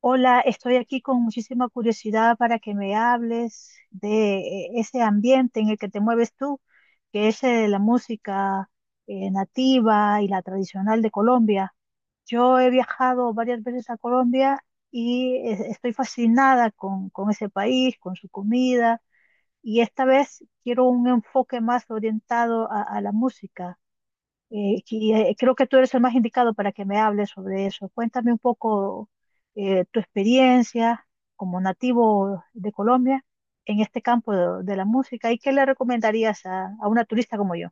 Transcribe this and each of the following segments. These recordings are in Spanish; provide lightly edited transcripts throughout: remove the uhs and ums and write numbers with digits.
Hola, estoy aquí con muchísima curiosidad para que me hables de ese ambiente en el que te mueves tú, que es la música nativa y la tradicional de Colombia. Yo he viajado varias veces a Colombia y estoy fascinada con ese país, con su comida, y esta vez quiero un enfoque más orientado a la música. Creo que tú eres el más indicado para que me hables sobre eso. Cuéntame un poco tu experiencia como nativo de Colombia en este campo de la música y qué le recomendarías a una turista como yo.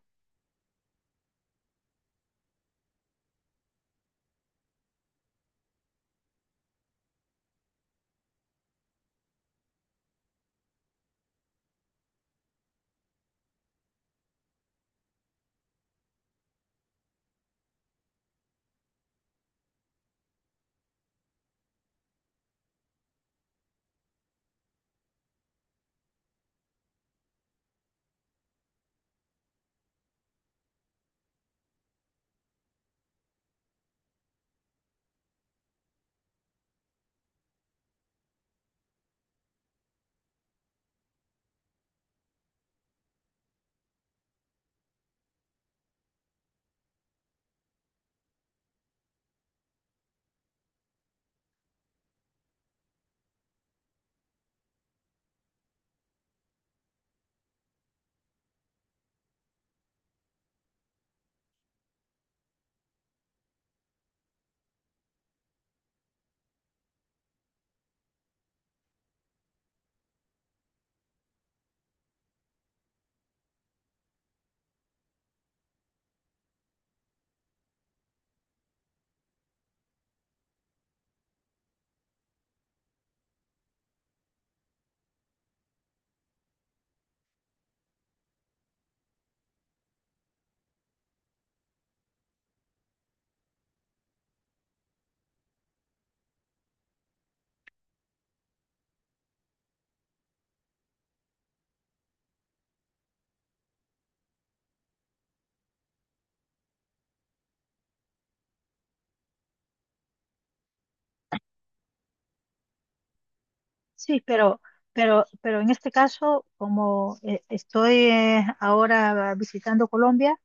Sí, pero en este caso, como estoy ahora visitando Colombia,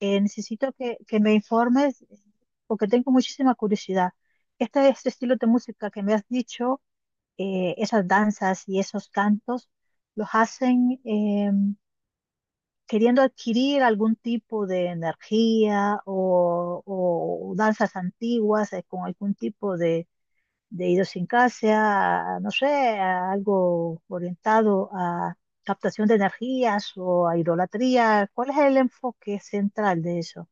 necesito que me informes porque tengo muchísima curiosidad. Este estilo de música que me has dicho esas danzas y esos cantos, los hacen queriendo adquirir algún tipo de energía o danzas antiguas con algún tipo de idiosincrasia, no sé, a algo orientado a captación de energías o a idolatría. ¿Cuál es el enfoque central de eso?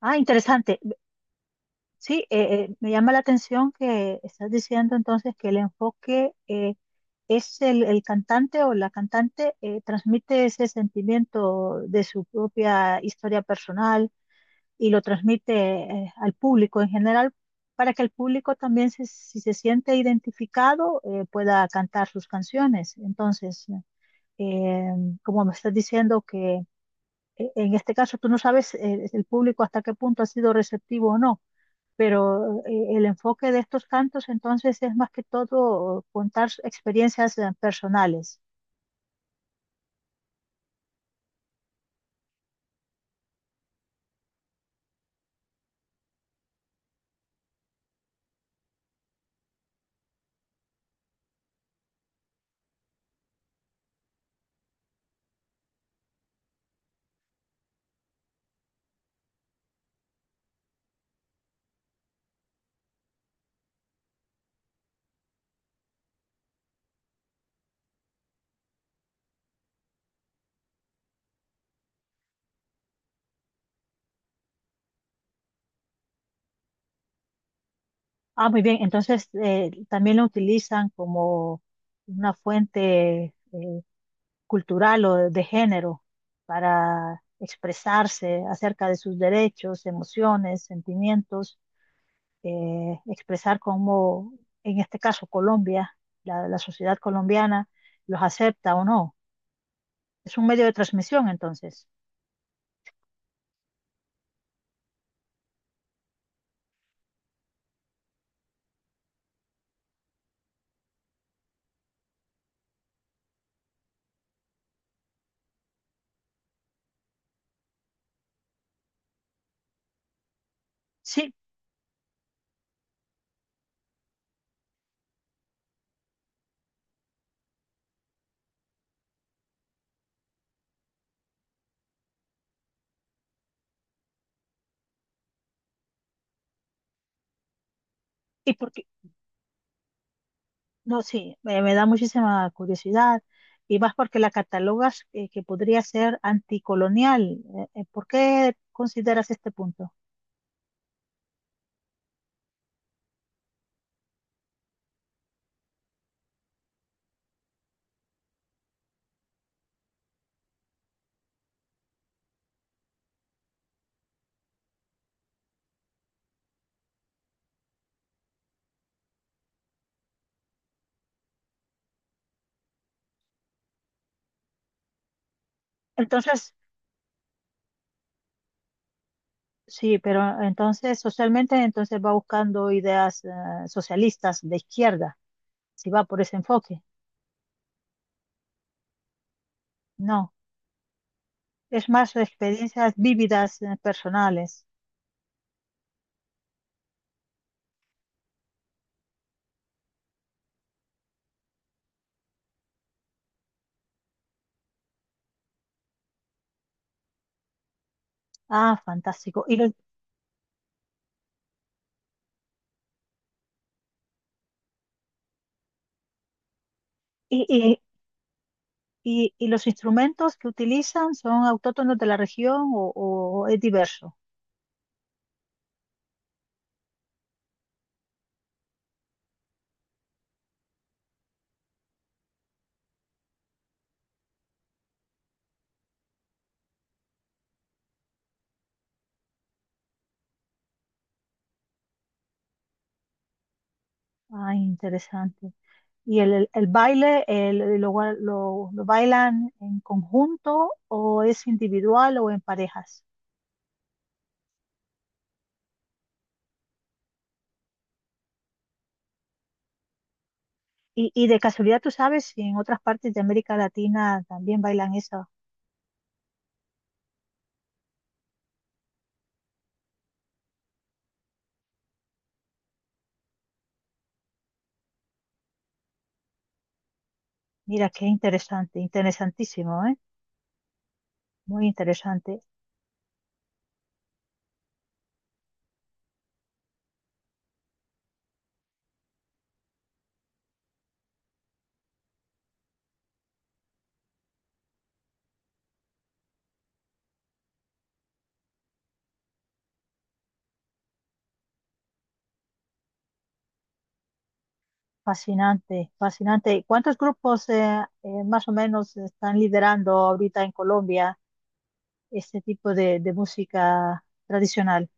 Ah, interesante. Sí, me llama la atención que estás diciendo entonces que el enfoque es el cantante o la cantante transmite ese sentimiento de su propia historia personal y lo transmite al público en general para que el público también se- si se siente identificado pueda cantar sus canciones. Entonces, eh, como me estás diciendo que en este caso tú no sabes el público hasta qué punto ha sido receptivo o no, pero el enfoque de estos cantos entonces es más que todo contar s- experiencias personales. Ah, muy bien, entonces también lo utilizan como una fuente cultural o de género para expresarse acerca de sus derechos, emociones, sentimientos, expresar cómo, en este caso Colombia, la sociedad colombiana los acepta o no. Es un medio de transmisión entonces. Sí, ¿y por qué? No, sí, me da muchísima curiosidad y más porque la catalogas que podría ser anticolonial. ¿Por qué consideras este punto? Entonces, sí, pero entonces socialmente entonces va buscando ideas socialistas de izquierda, si va por ese enfoque. No, es más experiencias vívidas personales. Ah, fantástico. ¿Y los, y, y, y los instrumentos que utilizan son autóctonos de la región o es diverso? Ah, interesante. ¿Y el baile el- lo bailan en conjunto o es individual o en parejas? Y de casualidad tú sabes si en otras partes de América Latina también bailan eso. Mira, qué interesante, interesantísimo, ¿eh? Muy interesante, fascinante, fascinante. ¿Cuántos grupos más o menos están liderando ahorita en Colombia este tipo de música tradicional?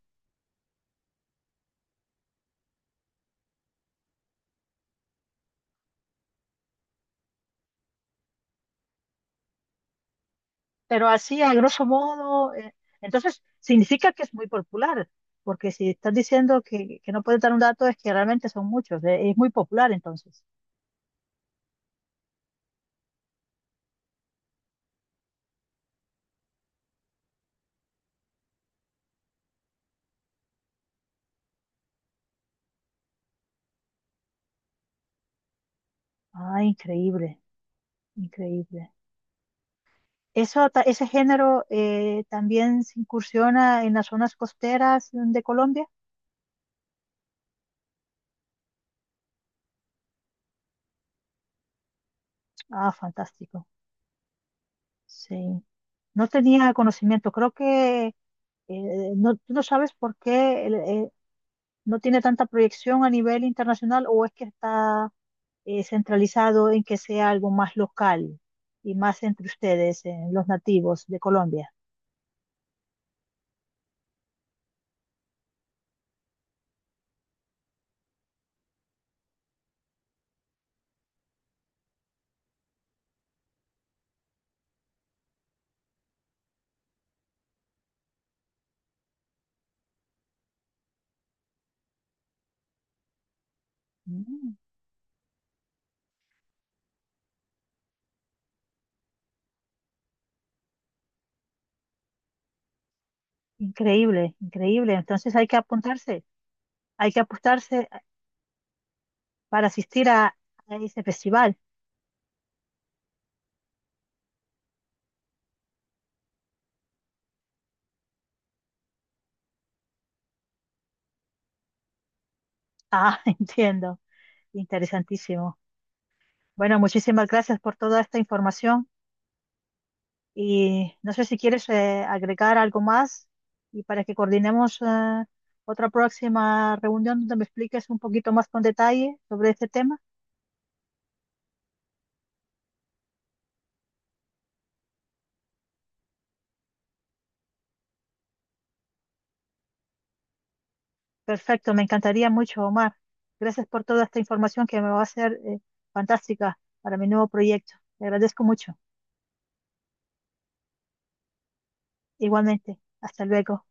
Pero así, a grosso modo, entonces significa que es muy popular, porque si estás diciendo que no puedes dar un dato es que realmente son muchos, es muy popular entonces. Ah, increíble, increíble. Eso, ta- ese género también se incursiona en las zonas costeras de Colombia. Ah, fantástico. Sí. No tenía conocimiento. Creo que no, tú no sabes por qué el- no tiene tanta proyección a nivel internacional o es que está centralizado en que sea algo más local y más entre ustedes, los nativos de Colombia. Mm, increíble, increíble. Entonces hay que apuntarse, hay que apostarse para asistir a ese festival. Ah, entiendo. Interesantísimo. Bueno, muchísimas gracias por toda esta información. Y no sé si quieres agregar algo más y para que coordinemos otra próxima reunión donde me expliques un poquito más con detalle sobre este tema. Perfecto, me encantaría mucho, Omar. Gracias por toda esta información que me va a ser fantástica para mi nuevo proyecto. Te agradezco mucho. Igualmente, hasta luego.